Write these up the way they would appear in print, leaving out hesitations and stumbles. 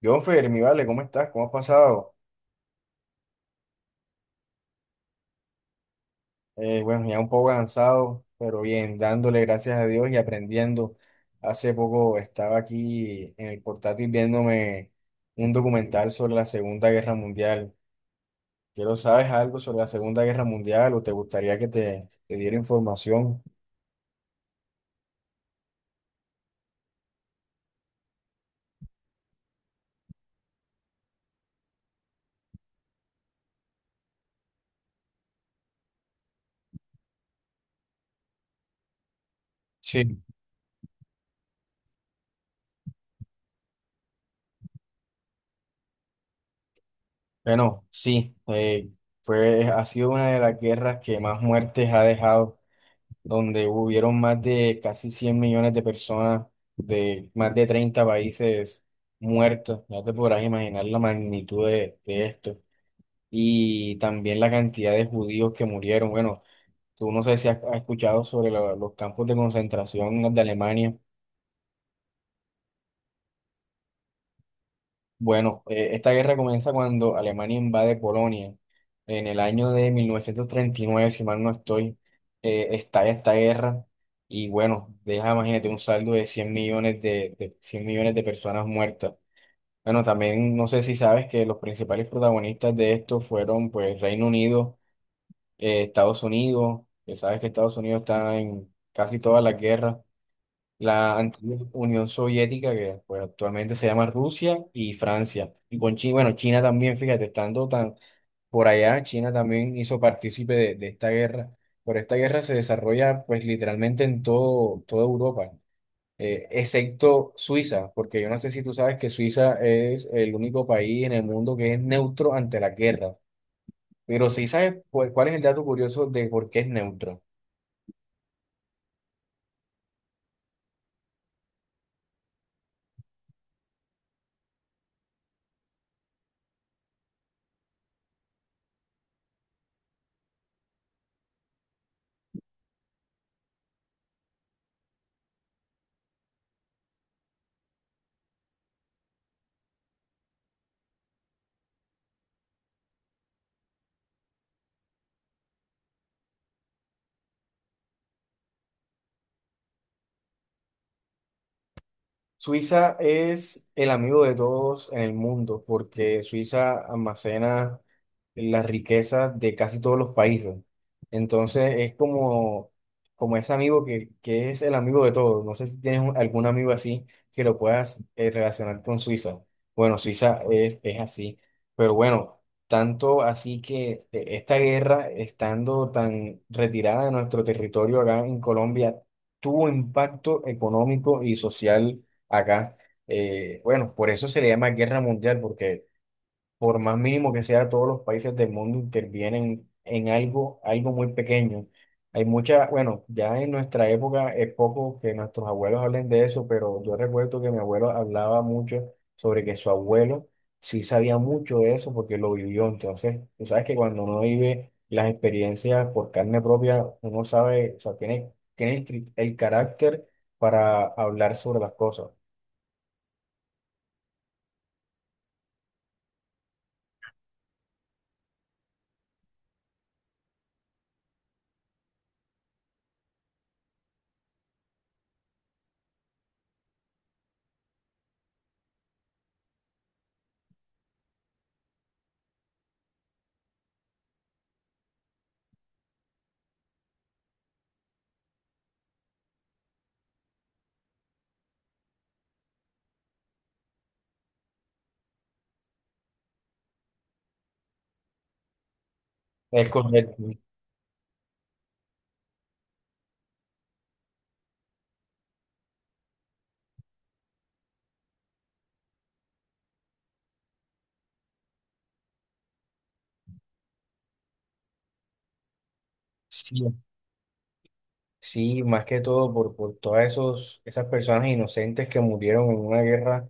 Yo, Fermi, vale, ¿cómo estás? ¿Cómo has pasado? Bueno, ya un poco cansado, pero bien, dándole gracias a Dios y aprendiendo. Hace poco estaba aquí en el portátil viéndome un documental sobre la Segunda Guerra Mundial. Quiero, ¿sabes algo sobre la Segunda Guerra Mundial o te gustaría que te diera información? Sí. Bueno, sí, ha sido una de las guerras que más muertes ha dejado, donde hubieron más de casi 100 millones de personas de más de 30 países muertos. Ya te podrás imaginar la magnitud de esto. Y también la cantidad de judíos que murieron. Bueno, tú no sé si has escuchado sobre los campos de concentración de Alemania. Bueno, esta guerra comienza cuando Alemania invade Polonia. En el año de 1939, si mal no estoy, estalla esta guerra y bueno, deja, imagínate, un saldo de 100 millones de personas muertas. Bueno, también no sé si sabes que los principales protagonistas de esto fueron pues Reino Unido, Estados Unidos, que sabes que Estados Unidos está en casi todas las guerras, la antigua Unión Soviética, que pues actualmente se llama Rusia, y Francia. Y con China, bueno, China también, fíjate, estando tan por allá, China también hizo partícipe de esta guerra. Pero esta guerra se desarrolla pues literalmente en toda Europa, excepto Suiza, porque yo no sé si tú sabes que Suiza es el único país en el mundo que es neutro ante la guerra. Pero sí sabes pues cuál es el dato curioso de por qué es neutro. Suiza es el amigo de todos en el mundo porque Suiza almacena las riquezas de casi todos los países. Entonces es como como ese amigo que es el amigo de todos. No sé si tienes algún amigo así que lo puedas relacionar con Suiza. Bueno, Suiza es así. Pero bueno, tanto así que esta guerra, estando tan retirada de nuestro territorio acá en Colombia, tuvo impacto económico y social acá. Bueno, por eso se le llama guerra mundial, porque por más mínimo que sea, todos los países del mundo intervienen en algo, algo muy pequeño. Hay mucha, bueno, ya en nuestra época es poco que nuestros abuelos hablen de eso, pero yo recuerdo que mi abuelo hablaba mucho sobre que su abuelo sí sabía mucho de eso porque lo vivió. Entonces, tú sabes que cuando uno vive las experiencias por carne propia, uno sabe, o sea, tiene el carácter para hablar sobre las cosas. Es correcto. Sí, sí, más que todo por esas personas inocentes que murieron en una guerra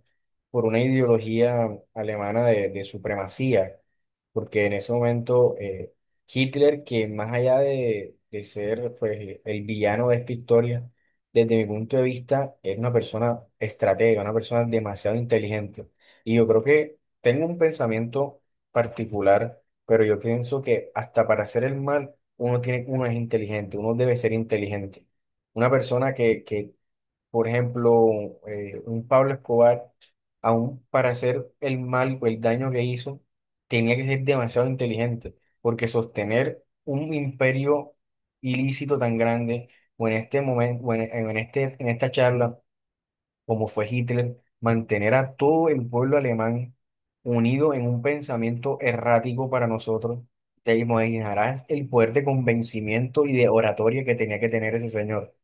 por una ideología alemana de supremacía, porque en ese momento Hitler, que más allá de ser pues el villano de esta historia, desde mi punto de vista, es una persona estratega, una persona demasiado inteligente. Y yo creo que tengo un pensamiento particular. Pero yo pienso que hasta para hacer el mal, uno es inteligente, uno debe ser inteligente. Una persona que, por ejemplo, un Pablo Escobar, aún para hacer el mal o el daño que hizo, tenía que ser demasiado inteligente, porque sostener un imperio ilícito tan grande, o en este momento, o en en esta charla, como fue Hitler, mantener a todo el pueblo alemán unido en un pensamiento errático para nosotros, te imaginarás el poder de convencimiento y de oratoria que tenía que tener ese señor.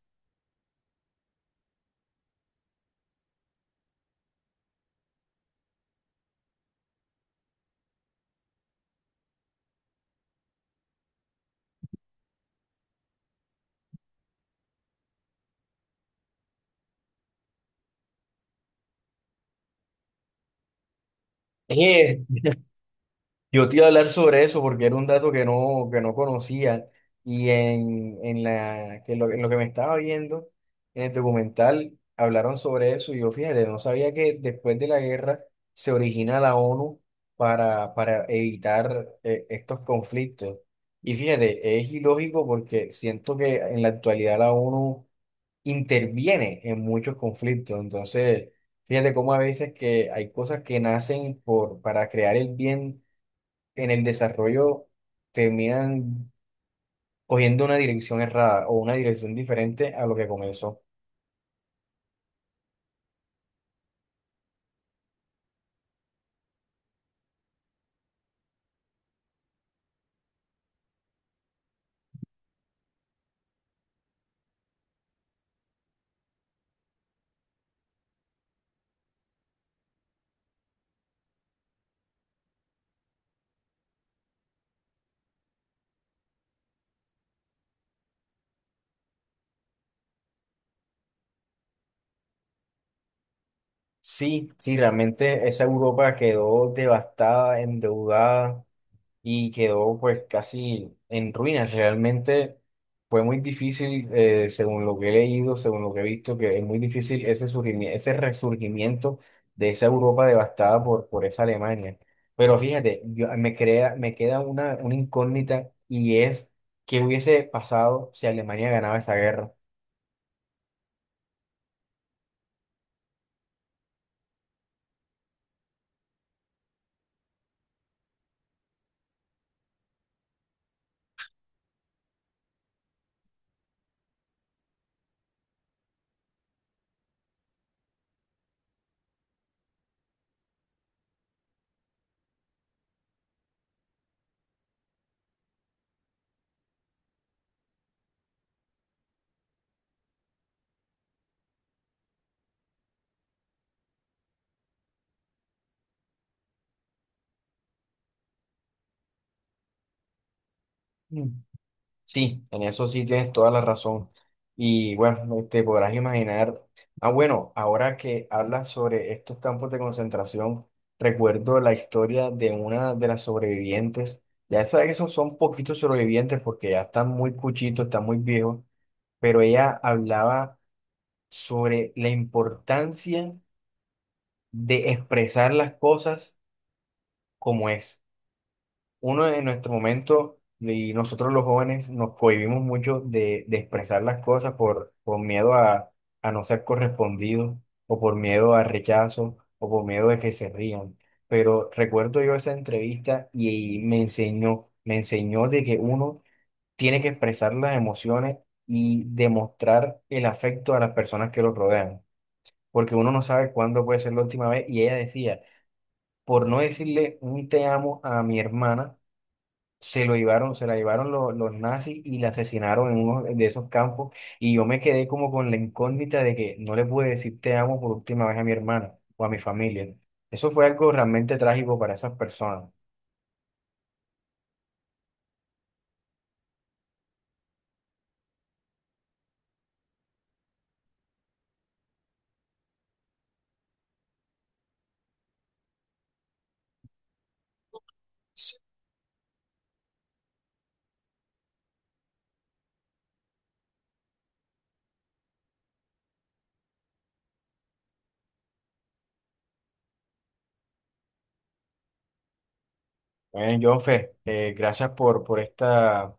Yo te iba a hablar sobre eso porque era un dato que que no conocía y en lo que me estaba viendo en el documental hablaron sobre eso y yo, fíjate, no sabía que después de la guerra se origina la ONU para evitar estos conflictos. Y fíjate, es ilógico porque siento que en la actualidad la ONU interviene en muchos conflictos, entonces... Fíjate cómo a veces que hay cosas que nacen para crear el bien en el desarrollo terminan cogiendo una dirección errada o una dirección diferente a lo que comenzó. Sí, sí, realmente esa Europa quedó devastada, endeudada, y quedó pues casi en ruinas. Realmente fue muy difícil, según lo que he leído, según lo que he visto, que es muy difícil ese ese resurgimiento de esa Europa devastada por esa Alemania. Pero fíjate, yo, me queda una incógnita, y es qué hubiese pasado si Alemania ganaba esa guerra. Sí, en eso sí tienes toda la razón. Y bueno, te podrás imaginar. Ah, bueno, ahora que hablas sobre estos campos de concentración, recuerdo la historia de una de las sobrevivientes. Ya sabes que esos son poquitos sobrevivientes porque ya están muy cuchitos, están muy viejos, pero ella hablaba sobre la importancia de expresar las cosas como es. Uno en nuestro momento, y nosotros los jóvenes nos cohibimos mucho de expresar las cosas por miedo a no ser correspondido, o por miedo al rechazo, o por miedo de que se rían. Pero recuerdo yo esa entrevista y me enseñó de que uno tiene que expresar las emociones y demostrar el afecto a las personas que lo rodean, porque uno no sabe cuándo puede ser la última vez. Y ella decía, por no decirle un te amo a mi hermana, se la llevaron los nazis y la asesinaron en uno de esos campos, y yo me quedé como con la incógnita de que no le pude decir te amo por última vez a mi hermana o a mi familia. Eso fue algo realmente trágico para esas personas. Bueno, Jonfer, gracias por esta...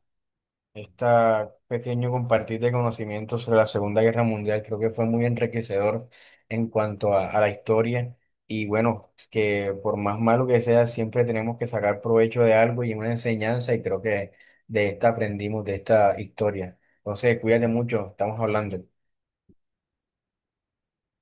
Este pequeño compartir de conocimientos sobre la Segunda Guerra Mundial creo que fue muy enriquecedor en cuanto a la historia y bueno, que por más malo que sea, siempre tenemos que sacar provecho de algo y una enseñanza y creo que de esta aprendimos, de esta historia. Entonces, cuídate mucho, estamos hablando.